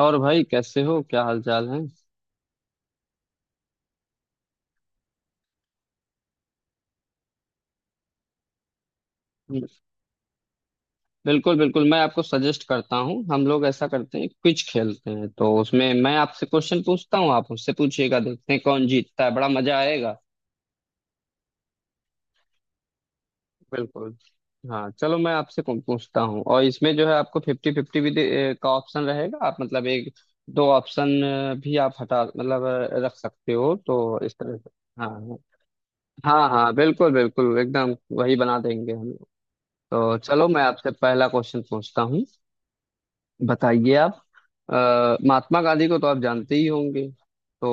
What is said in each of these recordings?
और भाई, कैसे हो? क्या हाल चाल है? बिल्कुल बिल्कुल, मैं आपको सजेस्ट करता हूँ। हम लोग ऐसा करते हैं, क्विज खेलते हैं। तो उसमें मैं आपसे क्वेश्चन पूछता हूँ, आप मुझसे पूछिएगा। देखते हैं कौन जीतता है, बड़ा मजा आएगा। बिल्कुल। हाँ चलो, मैं आपसे कौन पूछता हूँ, और इसमें जो है, आपको फिफ्टी फिफ्टी भी ए, का ऑप्शन रहेगा। आप मतलब एक दो ऑप्शन भी आप हटा मतलब रख सकते हो। तो इस तरह से। हाँ हाँ हाँ, बिल्कुल बिल्कुल, एकदम वही बना देंगे हम लोग। तो चलो, मैं आपसे पहला क्वेश्चन पूछता हूँ। बताइए आप। महात्मा गांधी को तो आप जानते ही होंगे। तो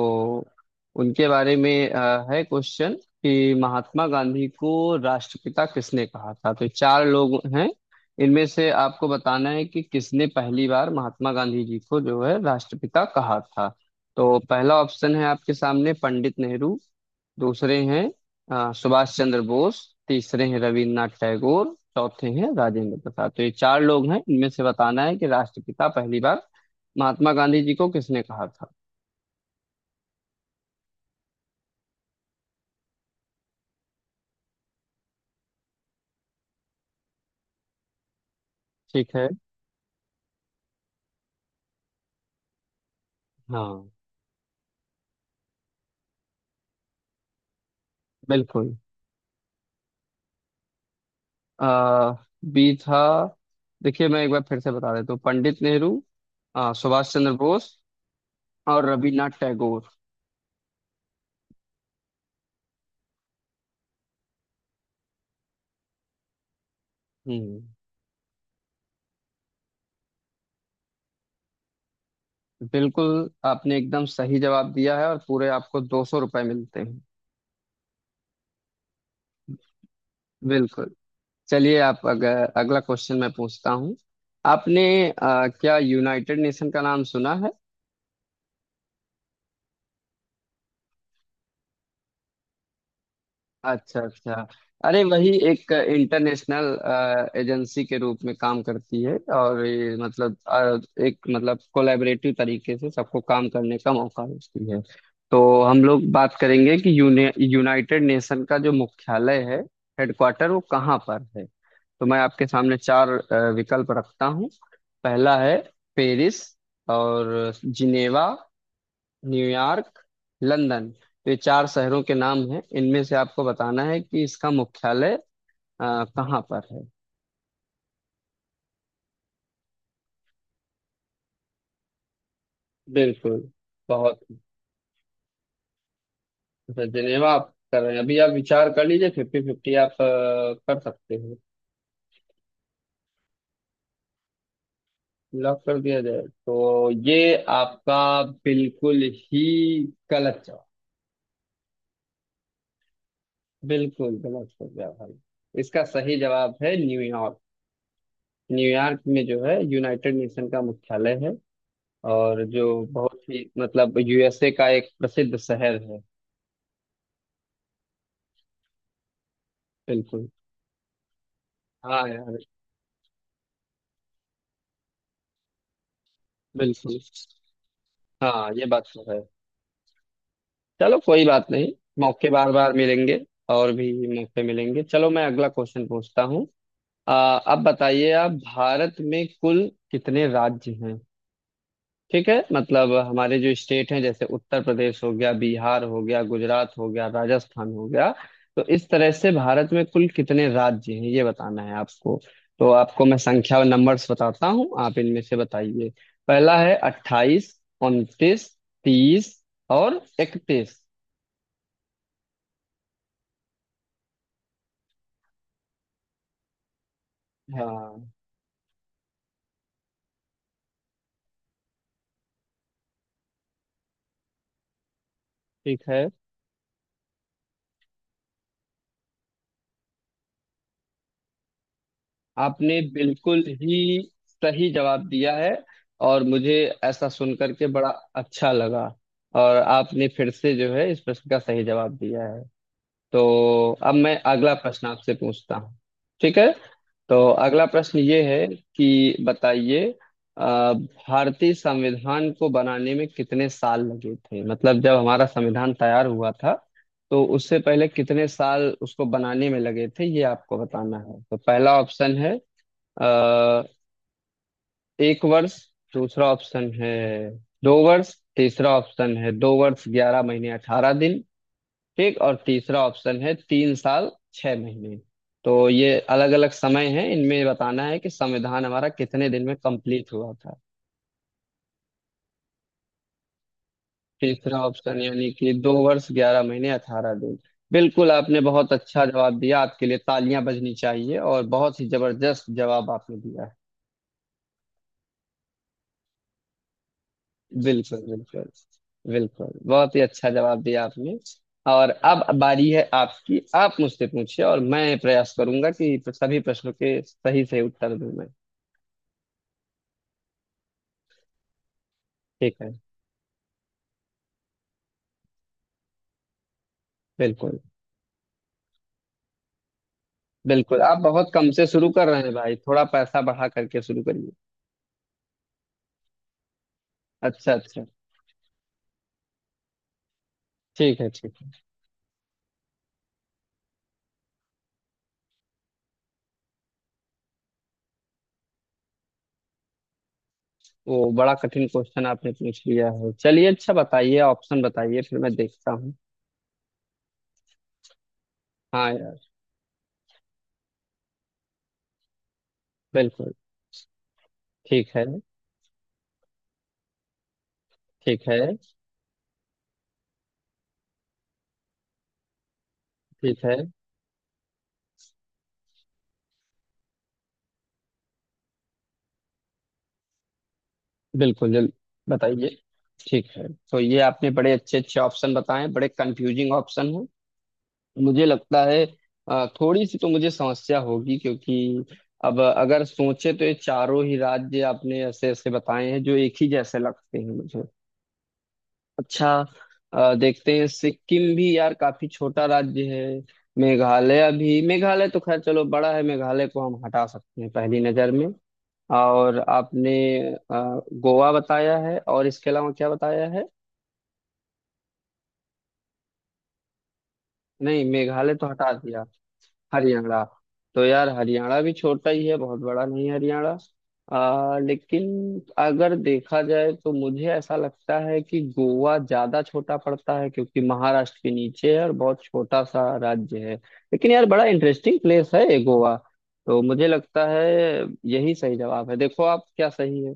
उनके बारे में है क्वेश्चन, कि महात्मा गांधी को राष्ट्रपिता किसने कहा था। तो चार लोग हैं, इनमें से आपको बताना है कि किसने पहली बार महात्मा गांधी जी को जो है राष्ट्रपिता कहा था। तो पहला ऑप्शन है आपके सामने पंडित नेहरू। दूसरे हैं सुभाष चंद्र बोस। तीसरे हैं रविन्द्रनाथ टैगोर। चौथे हैं राजेंद्र प्रसाद। तो ये चार लोग हैं, इनमें से बताना है कि राष्ट्रपिता पहली बार महात्मा गांधी जी को किसने कहा था। ठीक है। हाँ। बिल्कुल। आ, बी था। देखिए, मैं एक बार फिर से बता देता हूँ। पंडित नेहरू, सुभाष चंद्र बोस, और रविन्द्रनाथ टैगोर। हम्म। बिल्कुल, आपने एकदम सही जवाब दिया है। और पूरे आपको 200 रुपये मिलते हैं। बिल्कुल। चलिए, आप अगर अगला क्वेश्चन मैं पूछता हूँ। आपने क्या यूनाइटेड नेशन का नाम सुना है? अच्छा अच्छा। अरे वही एक इंटरनेशनल एजेंसी के रूप में काम करती है, और ये मतलब एक मतलब कोलैबोरेटिव तरीके से सबको काम करने का मौका देती है। तो हम लोग बात करेंगे कि यूने यूनाइटेड नेशन का जो मुख्यालय है, हेडक्वार्टर, वो कहाँ पर है। तो मैं आपके सामने चार विकल्प रखता हूँ। पहला है पेरिस, और जिनेवा, न्यूयॉर्क, लंदन। तो ये चार शहरों के नाम हैं, इनमें से आपको बताना है कि इसका मुख्यालय कहाँ पर है। बिल्कुल। बहुत अच्छा, जिनेवा आप कर रहे हैं। अभी आप विचार कर लीजिए, फिफ्टी फिफ्टी आप कर सकते हो। लॉक कर दिया जाए, तो ये आपका बिल्कुल ही गलत जवाब। बिल्कुल गलत हो गया भाई। इसका सही जवाब है न्यूयॉर्क। न्यूयॉर्क में जो है यूनाइटेड नेशन का मुख्यालय है। और जो बहुत ही मतलब यूएसए का एक प्रसिद्ध शहर है। बिल्कुल। हाँ यार, बिल्कुल। हाँ ये बात तो है। चलो कोई बात नहीं। मौके बार बार मिलेंगे, और भी मौके मिलेंगे। चलो, मैं अगला क्वेश्चन पूछता हूँ। अब बताइए, आप भारत में कुल कितने राज्य हैं। ठीक है, मतलब हमारे जो स्टेट हैं, जैसे उत्तर प्रदेश हो गया, बिहार हो गया, गुजरात हो गया, राजस्थान हो गया। तो इस तरह से भारत में कुल कितने राज्य हैं, ये बताना है आपको। तो आपको मैं संख्या और नंबर्स बताता हूँ, आप इनमें से बताइए। पहला है 28, 29, 30, और 31। हाँ। ठीक है। आपने बिल्कुल ही सही जवाब दिया है, और मुझे ऐसा सुन करके बड़ा अच्छा लगा। और आपने फिर से जो है इस प्रश्न का सही जवाब दिया है। तो अब मैं अगला प्रश्न आपसे पूछता हूँ। ठीक है। तो अगला प्रश्न ये है कि बताइए, अ, भारतीय संविधान को बनाने में कितने साल लगे थे। मतलब जब हमारा संविधान तैयार हुआ था, तो उससे पहले कितने साल उसको बनाने में लगे थे, ये आपको बताना है। तो पहला ऑप्शन है अ, 1 वर्ष। दूसरा ऑप्शन है 2 वर्ष। तीसरा ऑप्शन है 2 वर्ष 11 महीने 18 दिन। ठीक। और तीसरा ऑप्शन है 3 साल 6 महीने। तो ये अलग अलग समय है, इनमें बताना है कि संविधान हमारा कितने दिन में कंप्लीट हुआ था। तीसरा ऑप्शन यानी कि 2 वर्ष 11 महीने 18 दिन। बिल्कुल, आपने बहुत अच्छा जवाब दिया। आपके लिए तालियां बजनी चाहिए, और बहुत ही जबरदस्त जवाब आपने दिया है। बिल्कुल बिल्कुल। बिल्कुल बहुत ही अच्छा जवाब दिया आपने। और अब बारी है आपकी, आप मुझसे पूछिए, और मैं प्रयास करूंगा कि सभी प्रश्नों के सही से उत्तर दूं मैं। ठीक है। बिल्कुल। बिल्कुल, आप बहुत कम से शुरू कर रहे हैं भाई। थोड़ा पैसा बढ़ा करके शुरू करिए। अच्छा अच्छा। ठीक है ठीक है। वो बड़ा कठिन क्वेश्चन आपने पूछ लिया है। चलिए अच्छा, बताइए, ऑप्शन बताइए फिर मैं देखता हूँ। हाँ यार। बिल्कुल। ठीक है। ठीक है। ठीक है। बिल्कुल जल। बताइए। ठीक है, तो ये आपने बड़े अच्छे अच्छे ऑप्शन बताए, बड़े कंफ्यूजिंग ऑप्शन हैं मुझे लगता है। थोड़ी सी तो मुझे समस्या होगी, क्योंकि अब अगर सोचे तो ये चारों ही राज्य आपने ऐसे ऐसे बताए हैं जो एक ही जैसे लगते हैं मुझे। अच्छा। देखते हैं, सिक्किम भी यार काफी छोटा राज्य है, मेघालय भी। मेघालय तो खैर चलो बड़ा है, मेघालय को हम हटा सकते हैं पहली नजर में। और आपने गोवा बताया है, और इसके अलावा क्या बताया है? नहीं, मेघालय तो हटा दिया। हरियाणा। तो यार हरियाणा भी छोटा ही है, बहुत बड़ा नहीं है हरियाणा। लेकिन अगर देखा जाए, तो मुझे ऐसा लगता है कि गोवा ज्यादा छोटा पड़ता है, क्योंकि महाराष्ट्र के नीचे है और बहुत छोटा सा राज्य है। लेकिन यार बड़ा इंटरेस्टिंग प्लेस है ये गोवा। तो मुझे लगता है यही सही जवाब है। देखो आप क्या सही है।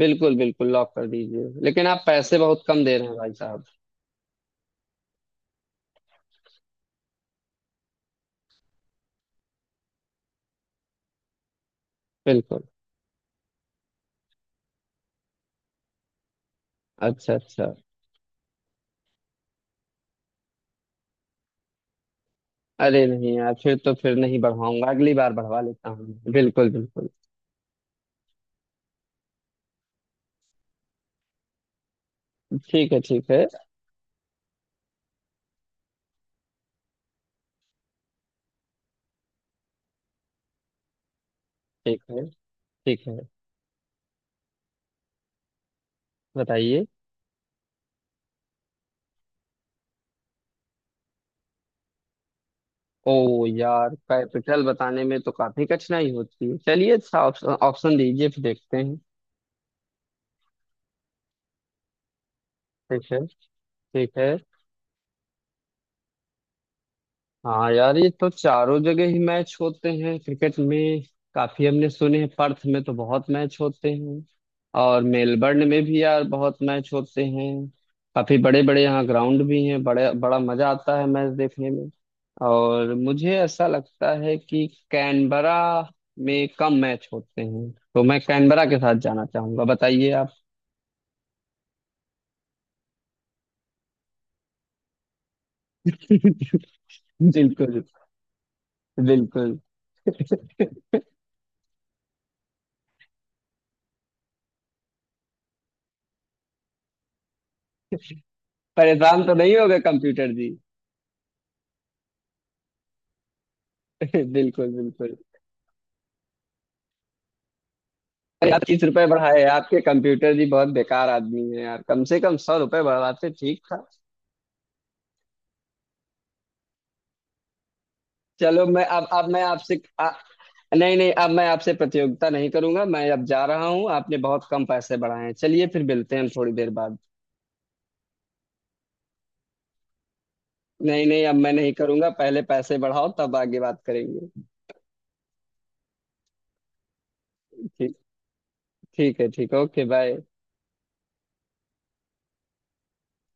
बिल्कुल बिल्कुल, लॉक कर दीजिए। लेकिन आप पैसे बहुत कम दे रहे हैं भाई साहब। बिल्कुल। अच्छा अच्छा। अरे नहीं यार, फिर तो फिर नहीं बढ़वाऊंगा, अगली बार बढ़वा लेता हूँ। बिल्कुल बिल्कुल। ठीक है ठीक है। ठीक है ठीक है। बताइए। ओ यार, कैपिटल बताने में तो काफी कठिनाई होती है। चलिए अच्छा, ऑप्शन ऑप्शन दीजिए फिर देखते हैं। ठीक है। ठीक है। हाँ यार, ये तो चारों जगह ही मैच होते हैं क्रिकेट में। काफी हमने सुने हैं, पर्थ में तो बहुत मैच होते हैं, और मेलबर्न में भी यार बहुत मैच होते हैं। काफी बड़े बड़े यहाँ ग्राउंड भी हैं बड़े, बड़ा मजा आता है मैच देखने में। और मुझे ऐसा लगता है कि कैनबरा में कम मैच होते हैं, तो मैं कैनबरा के साथ जाना चाहूंगा। बताइए आप। बिल्कुल बिल्कुल। परेशान तो नहीं होगा कंप्यूटर जी? बिल्कुल बिल्कुल। अरे, आप 30 रुपए बढ़ाए? आपके कंप्यूटर जी बहुत बेकार आदमी है यार, कम से कम 100 रुपए बढ़ाते ठीक था। चलो मैं अब मैं आपसे नहीं नहीं, अब मैं आपसे प्रतियोगिता नहीं करूंगा, मैं अब जा रहा हूँ। आपने बहुत कम पैसे बढ़ाए हैं। चलिए, फिर मिलते हैं थोड़ी देर बाद। नहीं नहीं, अब मैं नहीं करूंगा। पहले पैसे बढ़ाओ तब आगे बात करेंगे। ठीक। ठीक है। ठीक। Okay bye.